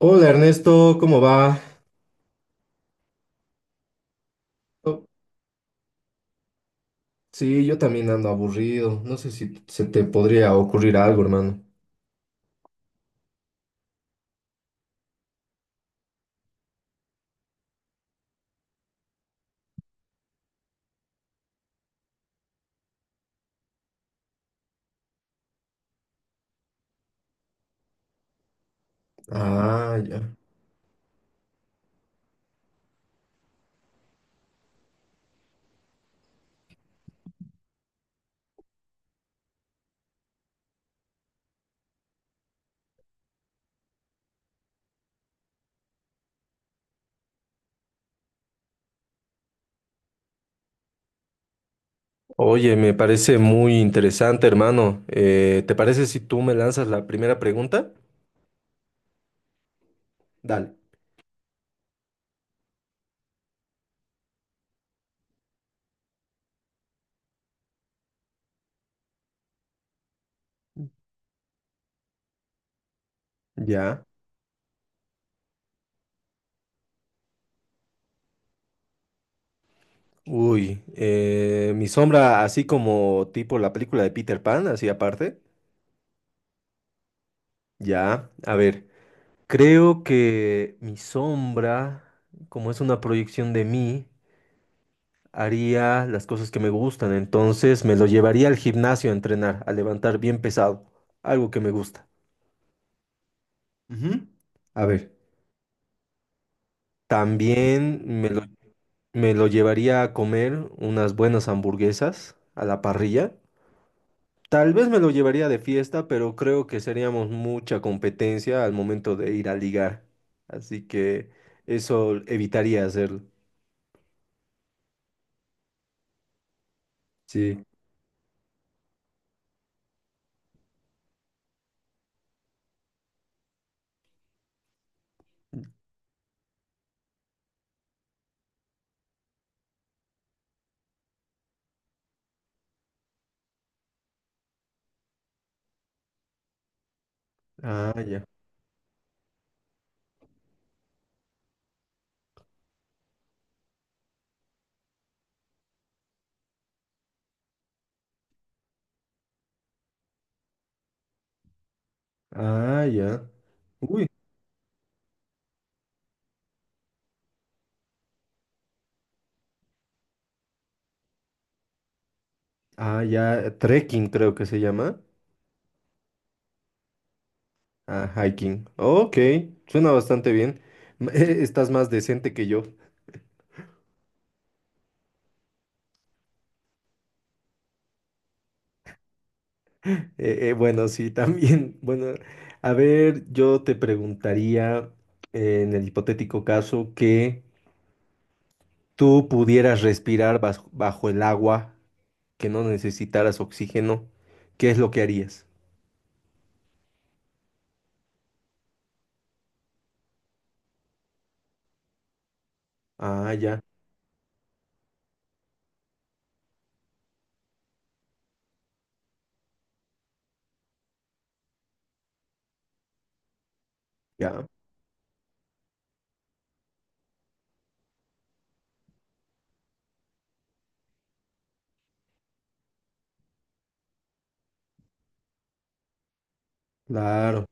Hola Ernesto, ¿cómo va? Oh, sí, yo también ando aburrido. No sé si se te podría ocurrir algo, hermano. Ah, ya. Oye, me parece muy interesante, hermano. ¿Te parece si tú me lanzas la primera pregunta? Dale. Ya. Uy, mi sombra, así como tipo la película de Peter Pan, así aparte. Ya, a ver. Creo que mi sombra, como es una proyección de mí, haría las cosas que me gustan, entonces me lo llevaría al gimnasio a entrenar, a levantar bien pesado, algo que me gusta. Ujú. A ver. También me lo, Me lo llevaría a comer unas buenas hamburguesas a la parrilla. Tal vez me lo llevaría de fiesta, pero creo que seríamos mucha competencia al momento de ir a ligar. Así que eso evitaría hacerlo. Sí. Ah, ya. Ah, ya. Uy. Ah, ya. Trekking creo que se llama. Ah, hiking. Ok, suena bastante bien. Estás más decente que yo. Bueno, sí, también. Bueno, a ver, yo te preguntaría en el hipotético caso que tú pudieras respirar bajo el agua, que no necesitaras oxígeno, ¿qué es lo que harías? Ah, ya, ya, claro.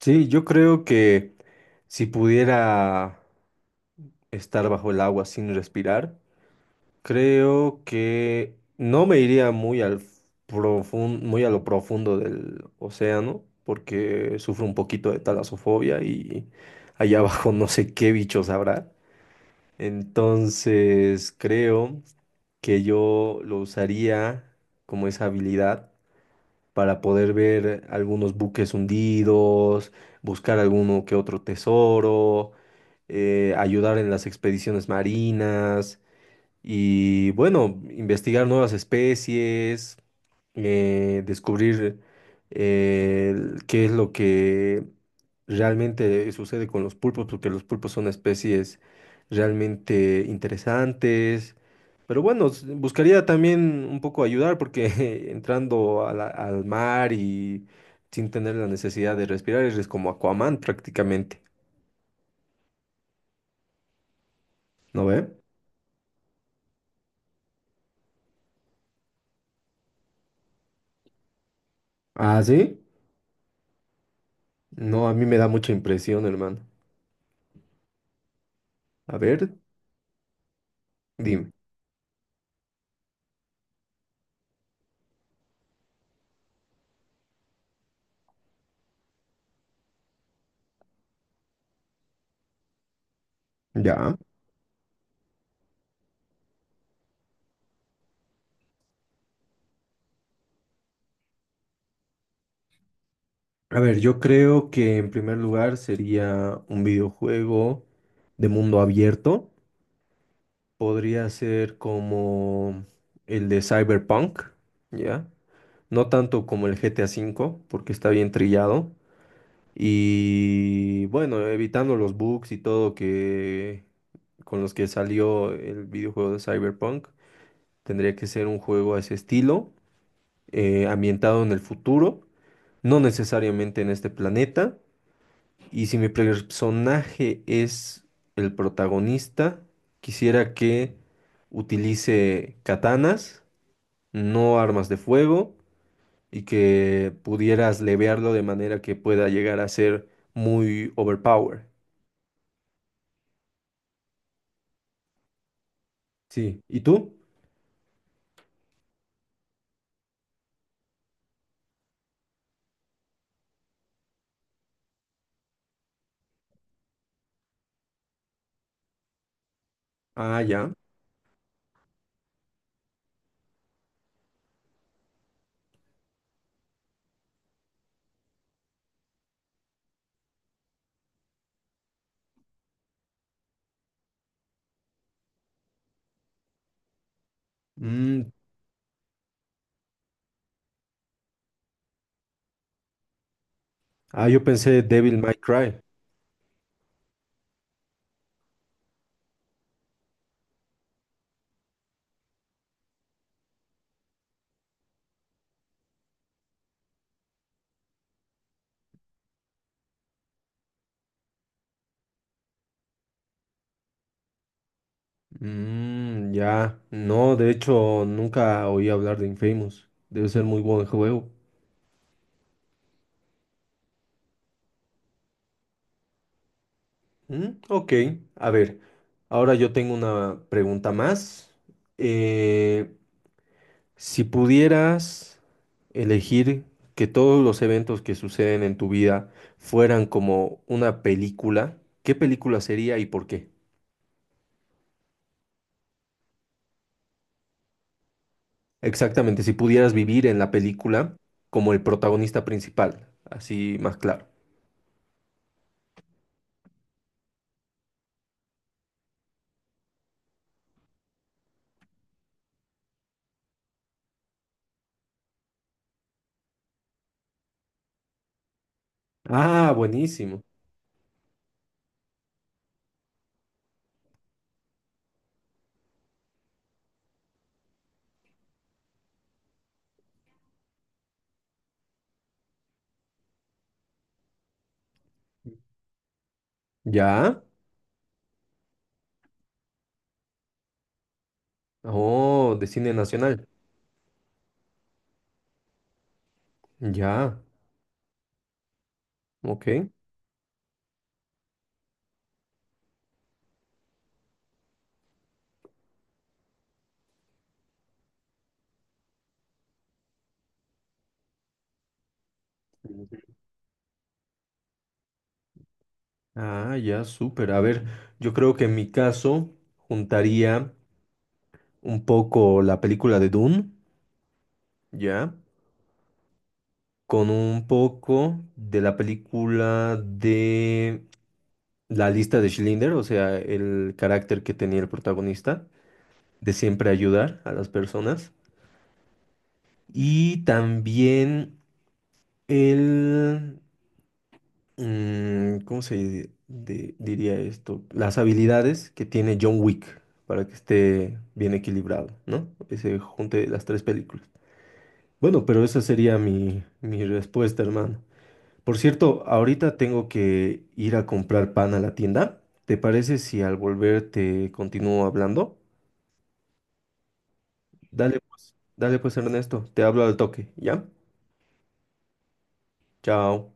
Sí, yo creo que si pudiera estar bajo el agua sin respirar, creo que no me iría muy al muy a lo profundo del océano, porque sufro un poquito de talasofobia y allá abajo no sé qué bichos habrá. Entonces creo que yo lo usaría como esa habilidad para poder ver algunos buques hundidos, buscar alguno que otro tesoro, ayudar en las expediciones marinas. Y bueno, investigar nuevas especies, descubrir qué es lo que realmente sucede con los pulpos, porque los pulpos son especies realmente interesantes. Pero bueno, buscaría también un poco ayudar, porque entrando a al mar y sin tener la necesidad de respirar, eres como Aquaman prácticamente, ¿no ve? Ah, sí. No, a mí me da mucha impresión, hermano. A ver. Dime. Ya. A ver, yo creo que en primer lugar sería un videojuego de mundo abierto. Podría ser como el de Cyberpunk, ¿ya? No tanto como el GTA 5 V, porque está bien trillado. Y bueno, evitando los bugs y todo que con los que salió el videojuego de Cyberpunk, tendría que ser un juego a ese estilo, ambientado en el futuro, no necesariamente en este planeta. Y si mi personaje es el protagonista, quisiera que utilice katanas, no armas de fuego, y que pudieras levearlo de manera que pueda llegar a ser muy overpower. Sí. ¿Y tú? Ah, ya. Mm, ah, yo pensé Devil May Cry. Mm, ya. No, de hecho, nunca oí hablar de Infamous. Debe ser muy buen juego. Mm, ok, a ver, ahora yo tengo una pregunta más. Eh, si pudieras elegir que todos los eventos que suceden en tu vida fueran como una película, ¿qué película sería y por qué? Exactamente, si pudieras vivir en la película como el protagonista principal, así más claro. Ah, buenísimo. ¿Ya? Oh, de cine nacional. Ya, ok. Ah, ya, súper. A ver, yo creo que en mi caso juntaría un poco la película de Dune, ¿ya? Con un poco de la película de La lista de Schindler, o sea, el carácter que tenía el protagonista, de siempre ayudar a las personas. Y también el... ¿cómo se diría esto? Las habilidades que tiene John Wick para que esté bien equilibrado, ¿no? Ese junte las tres películas. Bueno, pero esa sería mi respuesta, hermano. Por cierto, ahorita tengo que ir a comprar pan a la tienda. ¿Te parece si al volver te continúo hablando? Dale pues, Ernesto, te hablo al toque, ¿ya? Chao.